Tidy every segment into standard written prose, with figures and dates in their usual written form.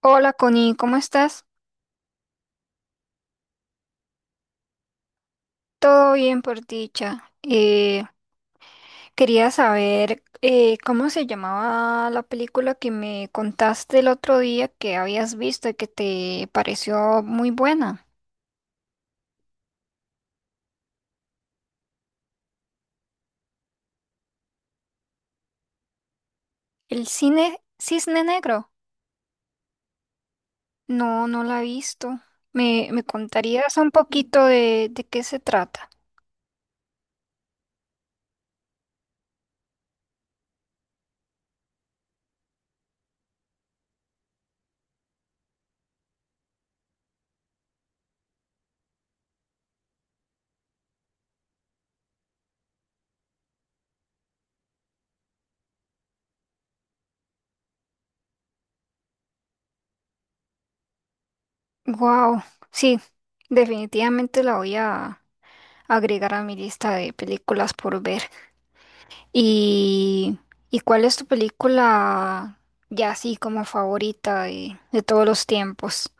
Hola Connie, ¿cómo estás? Todo bien por dicha. Quería saber cómo se llamaba la película que me contaste el otro día que habías visto y que te pareció muy buena. El cine Cisne Negro. No, no la he visto. ¿Me contarías un poquito de qué se trata? Wow, sí, definitivamente la voy a agregar a mi lista de películas por ver. ¿Y, ¿y cuál es tu película ya así como favorita de todos los tiempos?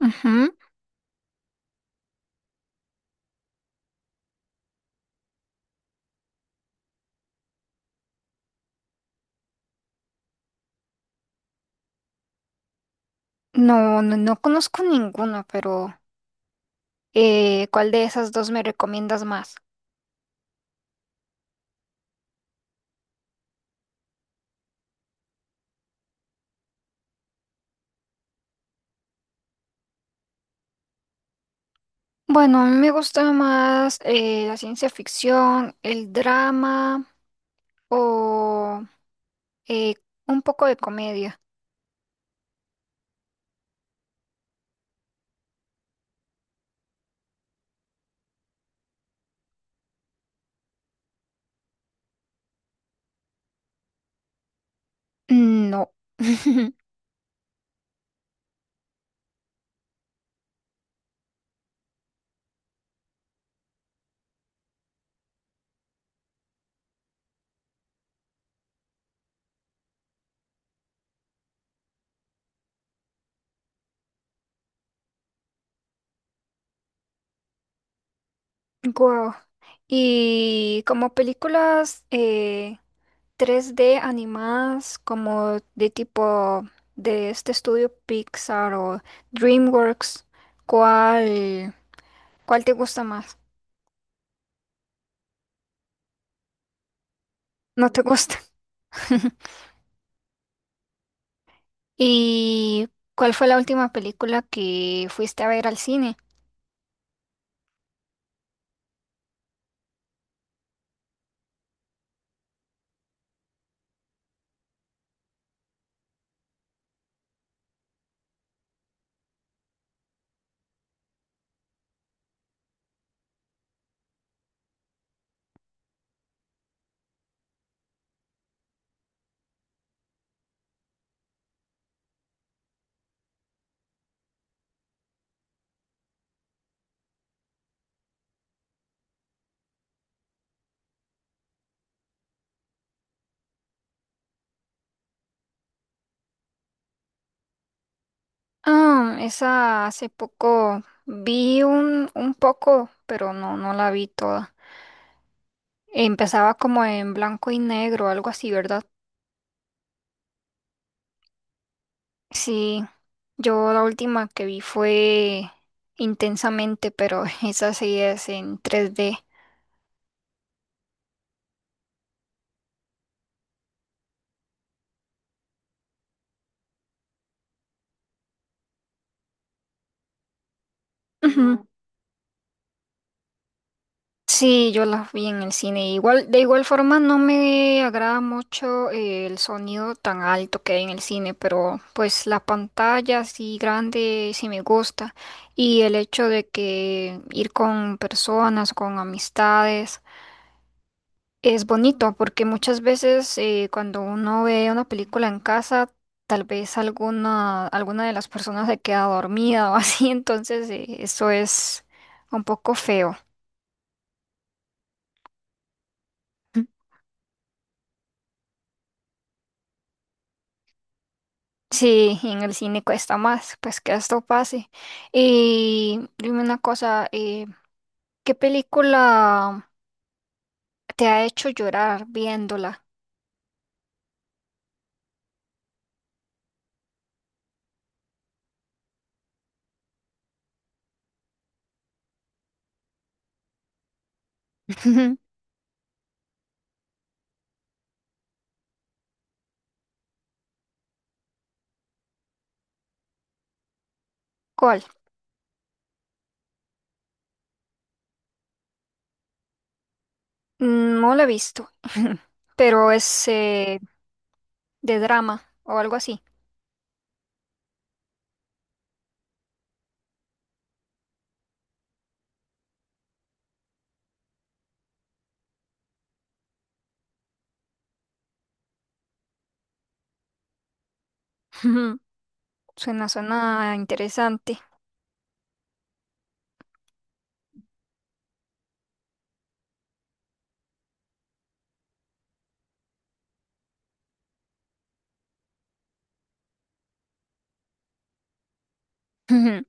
Ujú. No, no, no conozco ninguna, pero ¿cuál de esas dos me recomiendas más? Bueno, a mí me gusta más la ciencia ficción, el drama o eh, un poco de comedia. No. Guau. Y como películas, 3D animadas como de tipo de este estudio Pixar o DreamWorks, ¿cuál, ¿cuál te gusta más? ¿No te gusta? ¿Y cuál fue la última película que fuiste a ver al cine? Ah, esa hace poco vi un poco, pero no, no la vi toda. Empezaba como en blanco y negro, algo así, ¿verdad? Sí, yo la última que vi fue Intensamente, pero esa sí es en 3D. Ujú. Sí, yo las vi en el cine. Igual, de igual forma no me agrada mucho el sonido tan alto que hay en el cine, pero pues la pantalla así grande sí me gusta. Y el hecho de que ir con personas, con amistades. Es bonito porque muchas veces cuando uno ve una película en casa, tal vez alguna de las personas se queda dormida o así, entonces eso es un poco feo. Sí, y en el cine cuesta más, pues que esto pase. Y dime una cosa, ¿qué película te ha hecho llorar viéndola? ¿Cuál? No la he visto, pero es de drama o algo así. Suena interesante.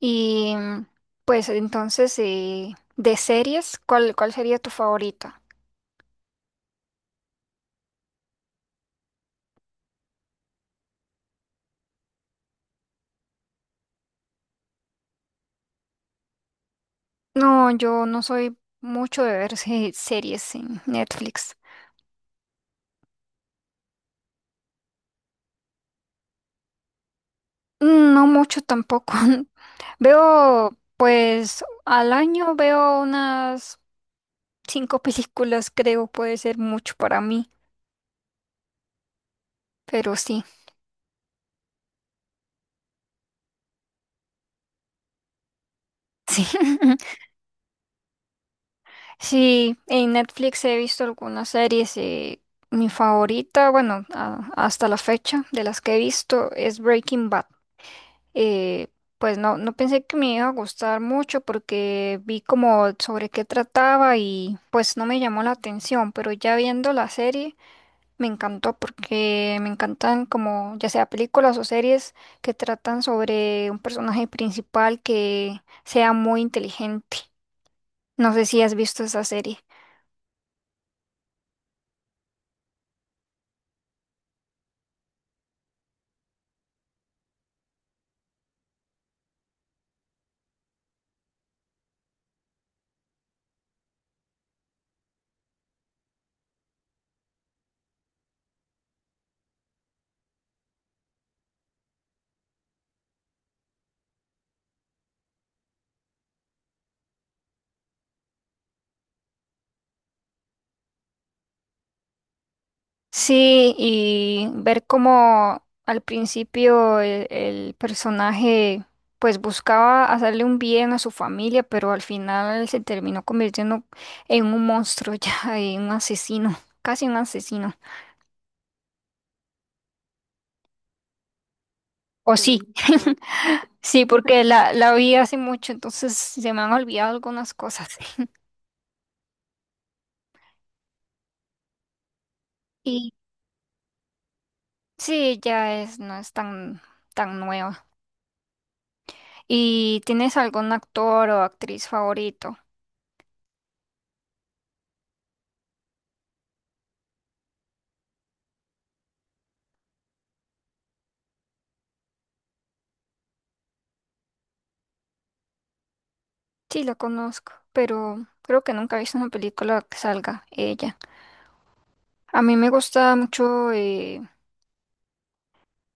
Y mm, pues entonces, de series, ¿cuál sería tu favorita? No, yo no soy mucho de ver series en Netflix. No mucho tampoco. Veo, pues al año veo unas cinco películas, creo, puede ser mucho para mí, pero sí, sí. Sí, en Netflix he visto algunas series. Mi favorita, bueno, hasta la fecha de las que he visto es Breaking Bad. Eh, pues no, no pensé que me iba a gustar mucho porque vi como sobre qué trataba y pues no me llamó la atención, pero ya viendo la serie me encantó porque me encantan como ya sea películas o series que tratan sobre un personaje principal que sea muy inteligente. No sé si has visto esa serie. Sí, y ver cómo al principio el personaje pues buscaba hacerle un bien a su familia, pero al final se terminó convirtiendo en un monstruo ya, en un asesino, casi un asesino. O sí, sí, claro. Sí, porque la vi hace mucho, entonces se me han olvidado algunas cosas. Y sí, ya es, no es tan nueva. ¿Y tienes algún actor o actriz favorito? Sí, la conozco, pero creo que nunca he visto una película que salga ella. A mí me gusta mucho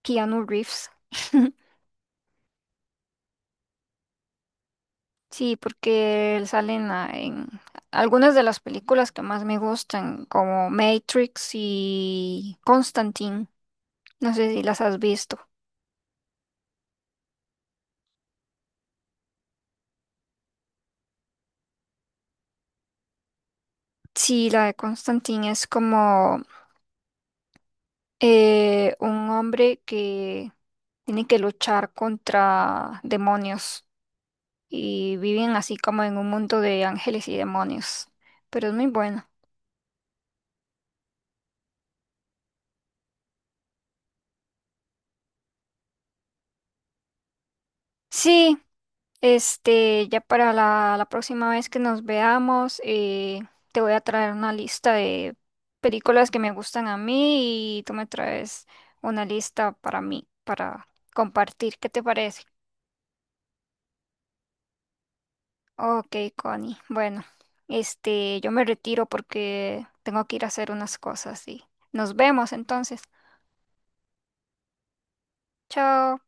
Keanu Reeves. Sí, porque él sale en, en algunas de las películas que más me gustan, como Matrix y Constantine. No sé si las has visto. Sí, la de Constantine es como un hombre que tiene que luchar contra demonios. Y viven así como en un mundo de ángeles y demonios. Pero es muy bueno. Sí, este, ya para la próxima vez que nos veamos, te voy a traer una lista de películas que me gustan a mí y tú me traes una lista para mí, para compartir. ¿Qué te parece? Ok, Connie. Bueno, este, yo me retiro porque tengo que ir a hacer unas cosas y nos vemos entonces. Chao.